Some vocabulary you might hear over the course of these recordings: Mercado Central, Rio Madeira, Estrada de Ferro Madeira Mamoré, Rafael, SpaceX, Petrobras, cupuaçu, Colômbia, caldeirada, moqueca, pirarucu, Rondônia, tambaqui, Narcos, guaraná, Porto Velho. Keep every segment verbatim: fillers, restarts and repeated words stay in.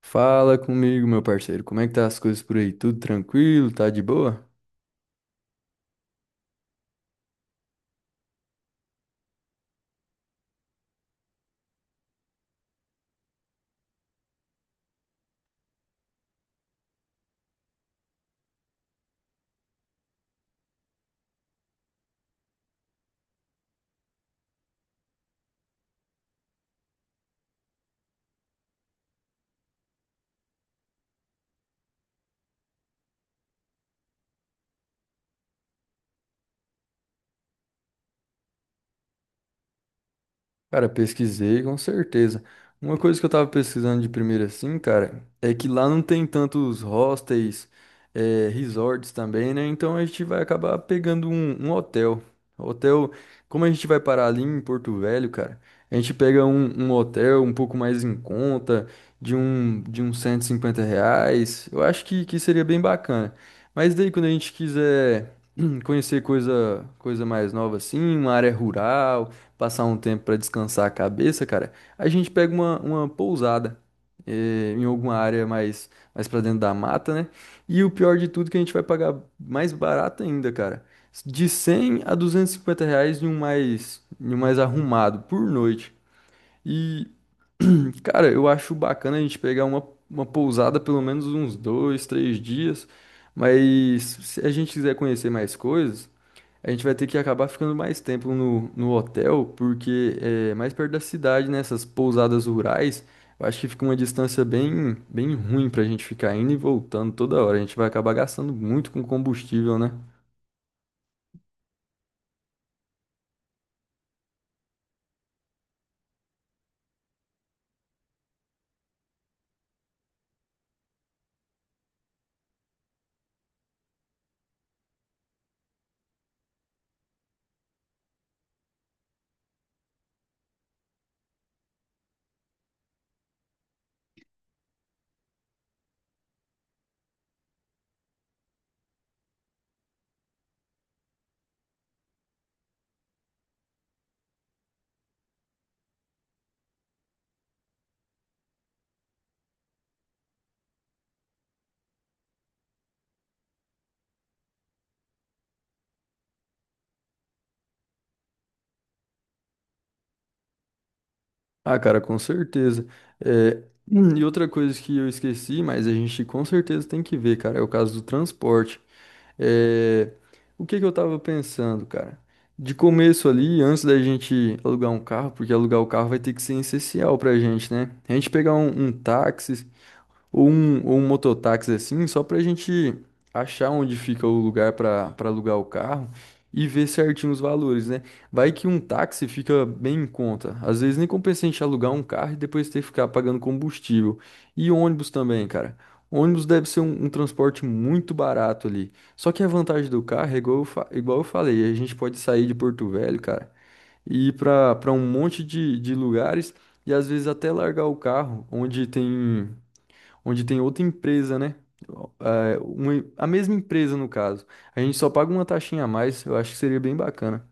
Fala comigo, meu parceiro. Como é que tá as coisas por aí? Tudo tranquilo? Tá de boa? Cara, pesquisei com certeza. Uma coisa que eu tava pesquisando de primeira assim, cara, é que lá não tem tantos hostels, eh, resorts também, né? Então a gente vai acabar pegando um, um hotel. Hotel, como a gente vai parar ali em Porto Velho, cara, a gente pega um, um hotel um pouco mais em conta, de um, de uns cento e cinquenta reais. Eu acho que, que seria bem bacana. Mas daí quando a gente quiser conhecer coisa, coisa mais nova assim, uma área rural passar um tempo para descansar a cabeça, cara, a gente pega uma, uma pousada eh, em alguma área mais, mais para dentro da mata, né? E o pior de tudo é que a gente vai pagar mais barato ainda, cara. De cem a duzentos e cinquenta reais em um mais, em um mais arrumado por noite. E, cara, eu acho bacana a gente pegar uma, uma pousada pelo menos uns dois, três dias. Mas se a gente quiser conhecer mais coisas. A gente vai ter que acabar ficando mais tempo no, no hotel, porque é mais perto da cidade, né? Essas pousadas rurais, eu acho que fica uma distância bem, bem ruim pra gente ficar indo e voltando toda hora. A gente vai acabar gastando muito com combustível, né? Ah, cara, com certeza. É, hum, e outra coisa que eu esqueci, mas a gente com certeza tem que ver, cara, é o caso do transporte. É, o que que eu tava pensando, cara? De começo ali, antes da gente alugar um carro, porque alugar o carro vai ter que ser essencial pra gente, né? A gente pegar um, um táxi, ou um, ou um mototáxi assim, só pra gente achar onde fica o lugar pra para alugar o carro e ver certinho os valores, né? Vai que um táxi fica bem em conta. Às vezes nem compensa a gente alugar um carro e depois ter que ficar pagando combustível. E ônibus também, cara. Ônibus deve ser um, um transporte muito barato ali. Só que a vantagem do carro é igual eu, fa- igual eu falei, a gente pode sair de Porto Velho, cara, e ir pra para um monte de, de lugares e às vezes até largar o carro onde tem onde tem outra empresa, né? É, uma- a mesma empresa, no caso. A gente só paga uma taxinha a mais, eu acho que seria bem bacana.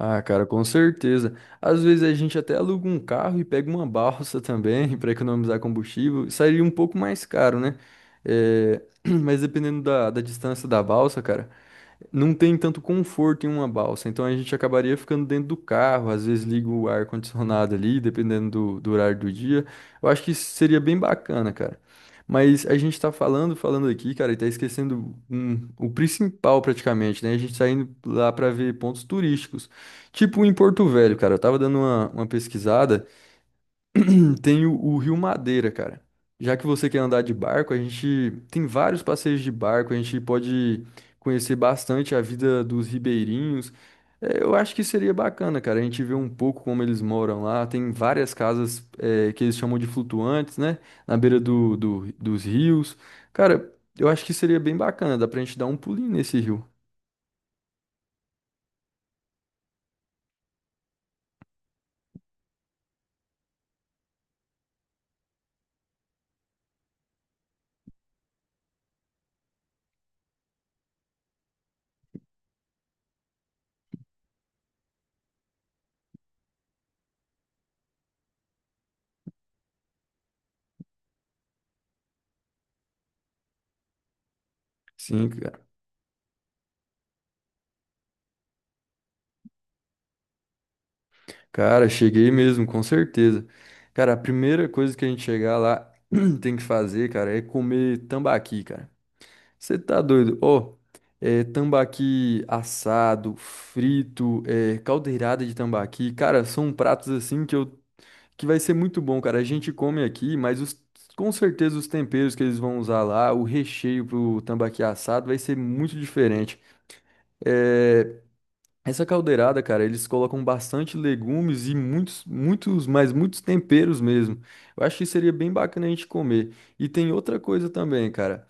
Ah, cara, com certeza. Às vezes a gente até aluga um carro e pega uma balsa também para economizar combustível. Sairia um pouco mais caro, né? É, mas dependendo da, da distância da balsa, cara, não tem tanto conforto em uma balsa, então a gente acabaria ficando dentro do carro, às vezes liga o ar-condicionado ali, dependendo do, do horário do dia. Eu acho que isso seria bem bacana, cara. Mas a gente tá falando, falando aqui, cara, e tá esquecendo um- o principal praticamente, né? A gente tá indo lá pra ver pontos turísticos. Tipo em Porto Velho, cara, eu tava dando uma, uma pesquisada. Tem o, o Rio Madeira, cara. Já que você quer andar de barco, a gente tem vários passeios de barco, a gente pode conhecer bastante a vida dos ribeirinhos. É, eu acho que seria bacana, cara, a gente vê um pouco como eles moram lá. Tem várias casas, é, que eles chamam de flutuantes, né? Na beira do, do- dos rios. Cara, eu acho que seria bem bacana, dá pra gente dar um pulinho nesse rio. Sim, cara. Cara, cheguei mesmo, com certeza. Cara, a primeira coisa que a gente chegar lá tem que fazer, cara, é comer tambaqui, cara. Você tá doido? Ó, é tambaqui assado, frito, é, caldeirada de tambaqui. Cara, são pratos assim que eu que vai ser muito bom, cara. A gente come aqui, mas os, com certeza os temperos que eles vão usar lá, o recheio pro tambaqui assado vai ser muito diferente. É, essa caldeirada, cara, eles colocam bastante legumes e muitos, muitos, mas muitos temperos mesmo. Eu acho que seria bem bacana a gente comer. E tem outra coisa também, cara.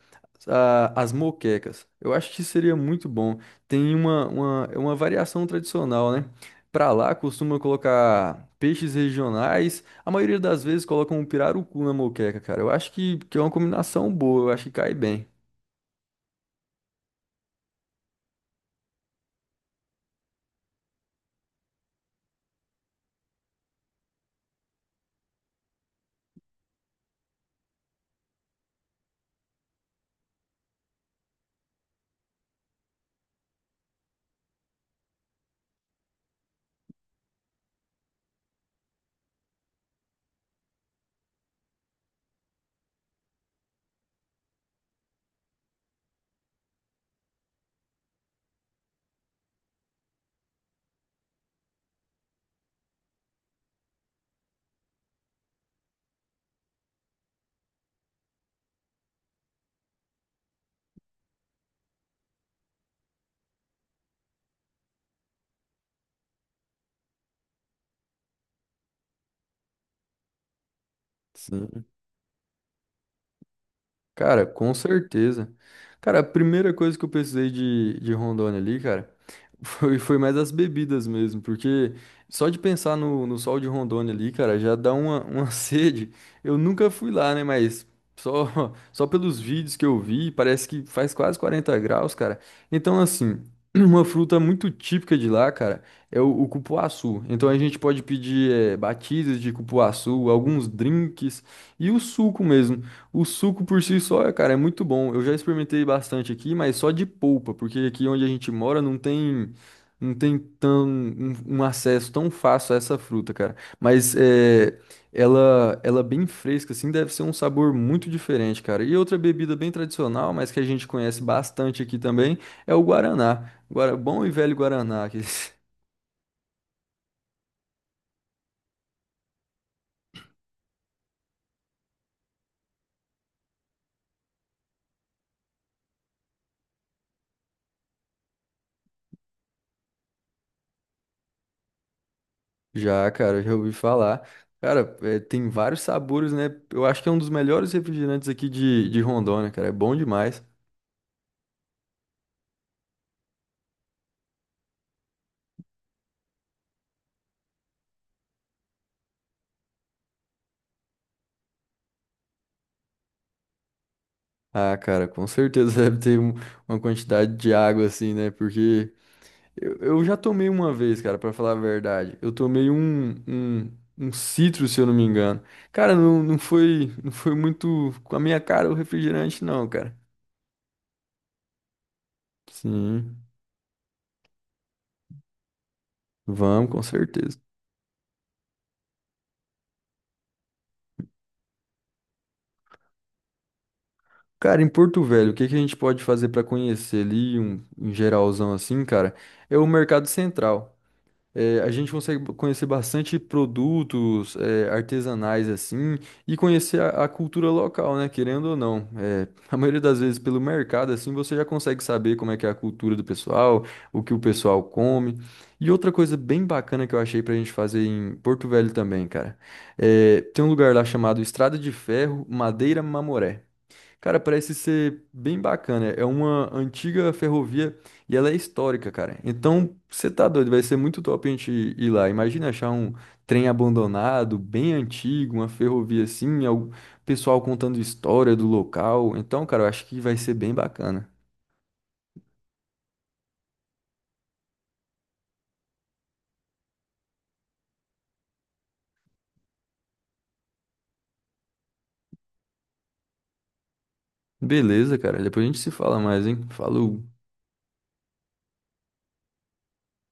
a- As moquecas. Eu acho que seria muito bom. Tem uma, uma, é uma variação tradicional, né? Pra lá costuma colocar peixes regionais. A maioria das vezes colocam um pirarucu na moqueca, cara. Eu acho que, que é uma combinação boa. Eu acho que cai bem. Sim. Cara, com certeza. Cara, a primeira coisa que eu precisei de, de Rondônia ali, cara, foi, foi mais as bebidas mesmo, porque só de pensar no, no sol de Rondônia ali, cara, já dá uma, uma sede. Eu nunca fui lá, né, mas só, só pelos vídeos que eu vi, parece que faz quase quarenta graus, cara. Então, assim, uma fruta muito típica de lá, cara, é o, o cupuaçu. Então a gente pode pedir, eh, batidas de cupuaçu, alguns drinks e o suco mesmo. O suco por si só, cara, é muito bom. Eu já experimentei bastante aqui, mas só de polpa, porque aqui onde a gente mora não tem não tem tão um, um acesso tão fácil a essa fruta, cara. Mas é, ela ela bem fresca, assim, deve ser um sabor muito diferente, cara. E outra bebida bem tradicional, mas que a gente conhece bastante aqui também, é o guaraná. Guara, bom e velho guaraná. que- Já, cara, já ouvi falar. Cara, é, tem vários sabores, né? Eu acho que é um dos melhores refrigerantes aqui de, de Rondônia, cara. É bom demais. Ah, cara, com certeza deve ter um- uma quantidade de água assim, né? Porque eu, eu já tomei uma vez, cara, pra falar a verdade. Eu tomei um, um, um citro, se eu não me engano. Cara, não, não foi, não foi muito com a minha cara o refrigerante, não, cara. Sim, vamos, com certeza. Cara, em Porto Velho, o que que a gente pode fazer para conhecer ali, um, um geralzão assim, cara? É o Mercado Central. É, a gente consegue b- conhecer bastante produtos, é, artesanais assim, e conhecer a, a cultura local, né? Querendo ou não. É, a maioria das vezes pelo mercado, assim, você já consegue saber como é que é a cultura do pessoal, o que o pessoal come. E outra coisa bem bacana que eu achei pra gente fazer em Porto Velho também, cara. É, tem um lugar lá chamado Estrada de Ferro Madeira Mamoré. Cara, parece ser bem bacana. É uma antiga ferrovia e ela é histórica, cara. Então, você tá doido, vai ser muito top a gente ir lá. Imagina achar um trem abandonado, bem antigo, uma ferrovia assim, o pessoal contando história do local. Então, cara, eu acho que vai ser bem bacana. Beleza, cara. Depois a gente se fala mais, hein? Falou.